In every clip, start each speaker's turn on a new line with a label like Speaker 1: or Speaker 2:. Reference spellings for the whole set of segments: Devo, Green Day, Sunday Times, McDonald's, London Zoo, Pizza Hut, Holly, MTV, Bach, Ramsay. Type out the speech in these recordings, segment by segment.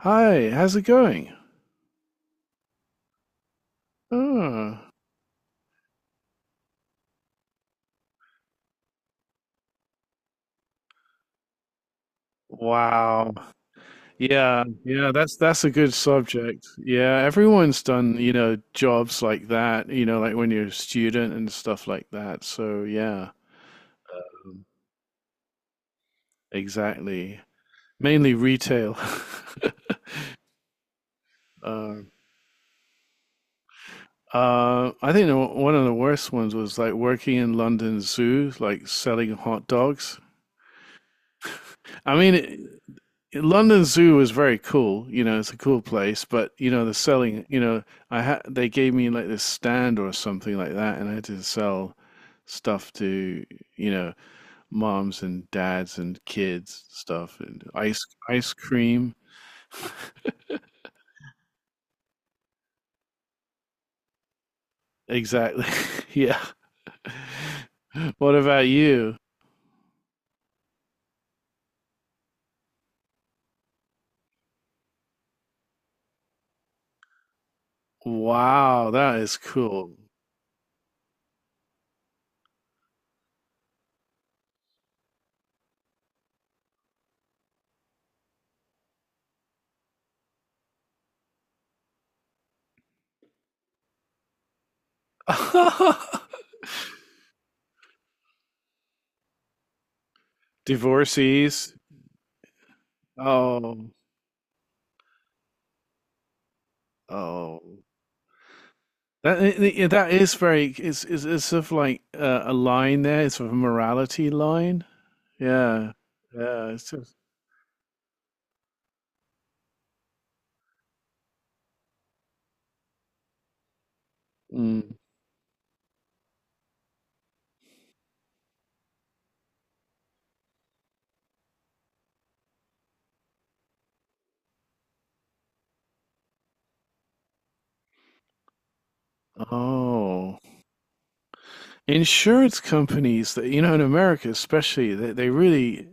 Speaker 1: Hi, how's it going? Oh, wow. Yeah, yeah, that's a good subject. Yeah, everyone's done, you know, jobs like that, you know, like when you're a student and stuff like that. So, yeah, um, exactly. Mainly retail. Um, I think one of the worst ones was like working in London Zoo, like selling hot dogs. I mean, London Zoo is very cool, you know, it's a cool place, but you know, the selling, you know, I had they gave me like this stand or something like that, and I had to sell stuff to, you know, moms and dads and kids stuff and ice cream. Exactly. Yeah. What about you? Wow, that is cool. Divorcees. Oh, oh. That yeah, that is very it's sort of like a line there. It's sort of a morality line. Yeah, yeah. It's just mm. Oh, insurance companies that you know in America especially they really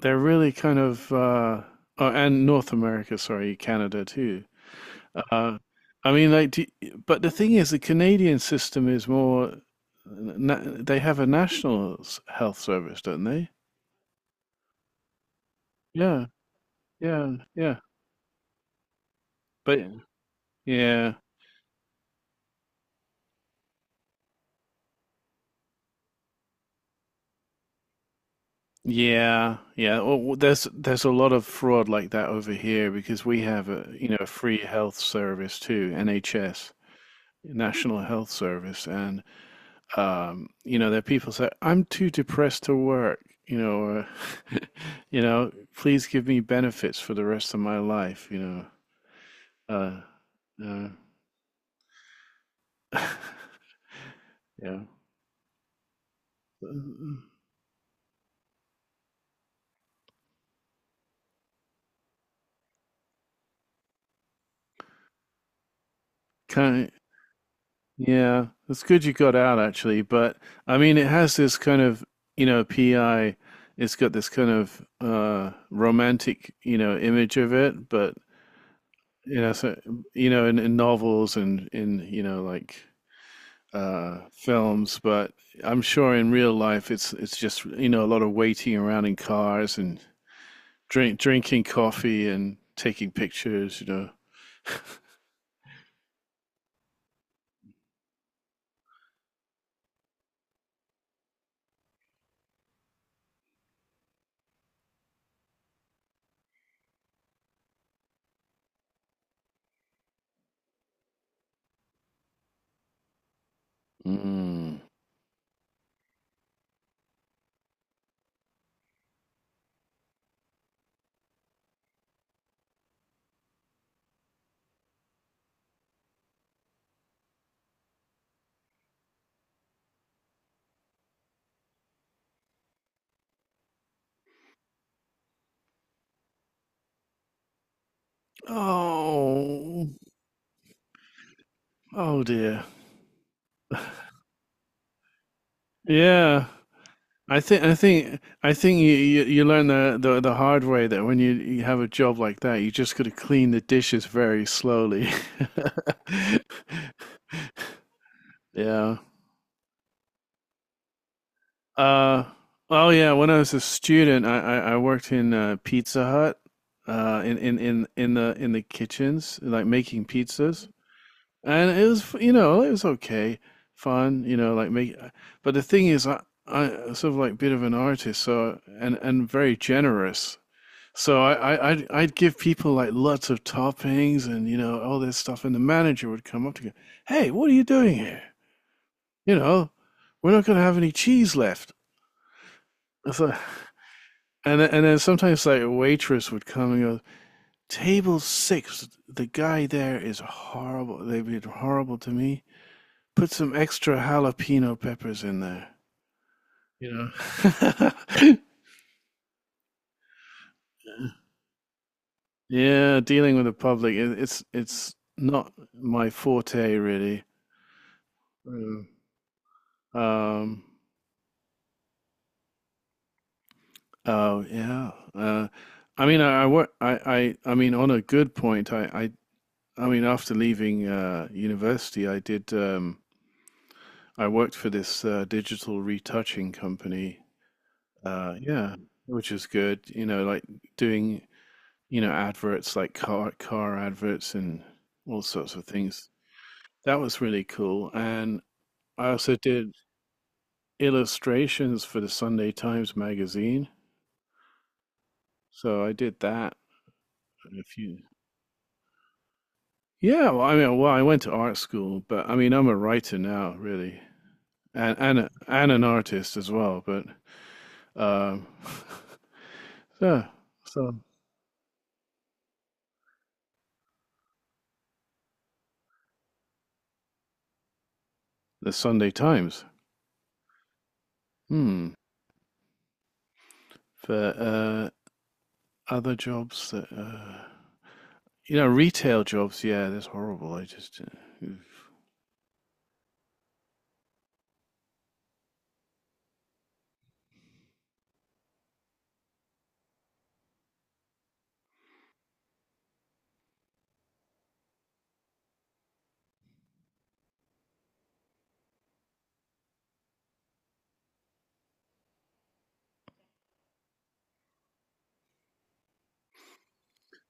Speaker 1: they're really kind of oh, and North America, sorry, Canada too. Uh, I mean like do, but the thing is the Canadian system is more na they have a health service, don't they? Yeah, yeah, yeah. But yeah, yeah, yeah. Well, there's a lot of fraud like that over here because we have a, you know, a free health service too, NHS, National Health Service, and you know there are people say I'm too depressed to work, you know, or, you know, please give me benefits for the rest of my life, you know. Uh, uh, yeah, kind yeah, it's good you got out actually, but I mean, it has this kind of, you know, PI, it's got this kind of romantic, you know, image of it, but you know, so you know, in novels and in, you know, like films, but I'm sure in real life it's just, you know, a lot of waiting around in cars and drinking coffee and taking pictures, you know. Mm. Oh, oh dear. Yeah. I think you, you learn the hard way that when you have a job like that, you just got to clean the dishes very slowly. Yeah. Uh, oh yeah. When I was a student, I worked in Pizza Hut, in the kitchens, like making pizzas, and it was you know it was okay, fun, you know like make. But the thing is, I sort of like bit of an artist, so and very generous, so, I'd give people like lots of toppings and you know all this stuff, and the manager would come up to go, "Hey, what are you doing here? You know, we're not going to have any cheese left." So, and then sometimes like a waitress would come and go, "Table six, the guy there is horrible. They've been horrible to me. Put some extra jalapeno peppers in there." You know. Yeah, dealing with the public, it's not my forte really. Mm. Um, oh yeah. I mean, I, wa- I mean, on a good point, I mean, after leaving university, I did. I worked for this digital retouching company. Yeah, which is good. You know, like doing, you know, adverts like car adverts and all sorts of things. That was really cool. And I also did illustrations for the Sunday Times magazine. So I did that a few. Yeah, well, I mean, well, I went to art school, but I mean, I'm a writer now, really, and and an artist as well. But um, yeah, so the Sunday Times. Hmm. For other jobs that you know, retail jobs. Yeah, that's horrible. I just. Oof.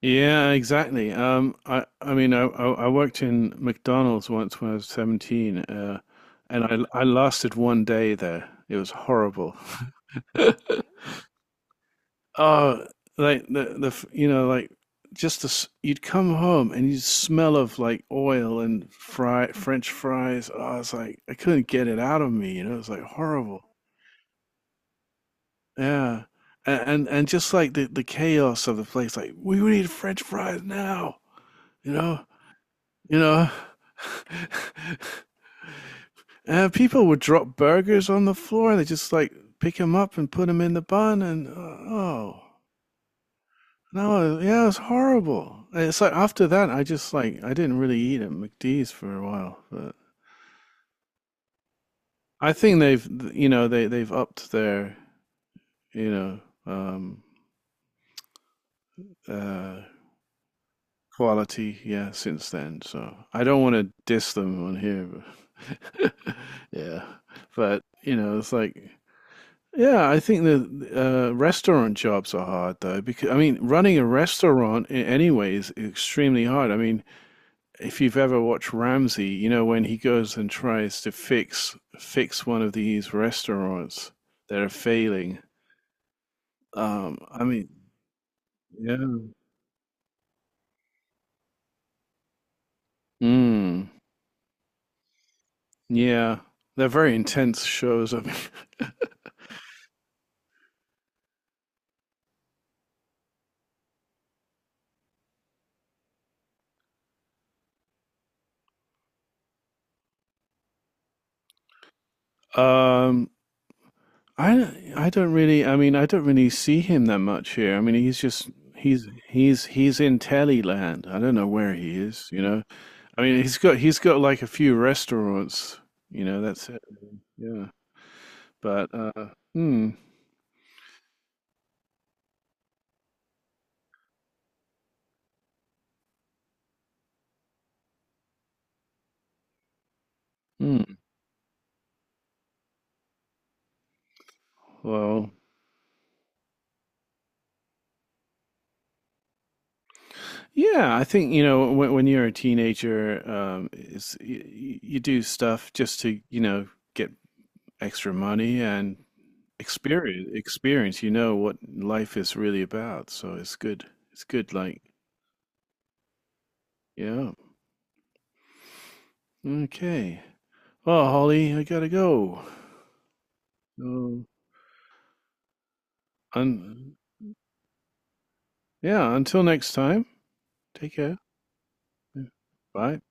Speaker 1: Yeah, exactly. I mean, I worked in McDonald's once when I was 17, and I lasted one day there. It was horrible. Oh, like you know like just you'd come home and you'd smell of like oil and fry French fries. Oh, it's like I couldn't get it out of me. You know, it's like horrible. Yeah, and and just like the chaos of the place. Like we need French fries now. You know, you know. And people would drop burgers on the floor they just like pick them up and put them in the bun and oh. No, yeah, it was horrible. It's like after that, I just like I didn't really eat at McD's for a while, but I think they've you know they've upped their you know um uh quality yeah since then. So I don't want to diss them on here, but yeah, but you know it's like yeah, I think the restaurant jobs are hard though because I mean running a restaurant in any way is extremely hard. I mean if you've ever watched Ramsay, you know when he goes and tries to fix one of these restaurants that are failing. I mean, yeah, mm, yeah, they're very intense shows. I mean, um, I don't really, I mean, I don't really see him that much here. I mean, he's just he's in telly land. I don't know where he is. You know, I mean, he's got like a few restaurants. You know, that's it. Yeah, but mm, mm. Well, yeah, I think, you know, when you're a teenager, it's, you do stuff just to, you know, get extra money and experience, you know, what life is really about. So it's good. It's good. Like, yeah. Okay. Well, Holly, I gotta go. So, un yeah, until next time, take care. Bye.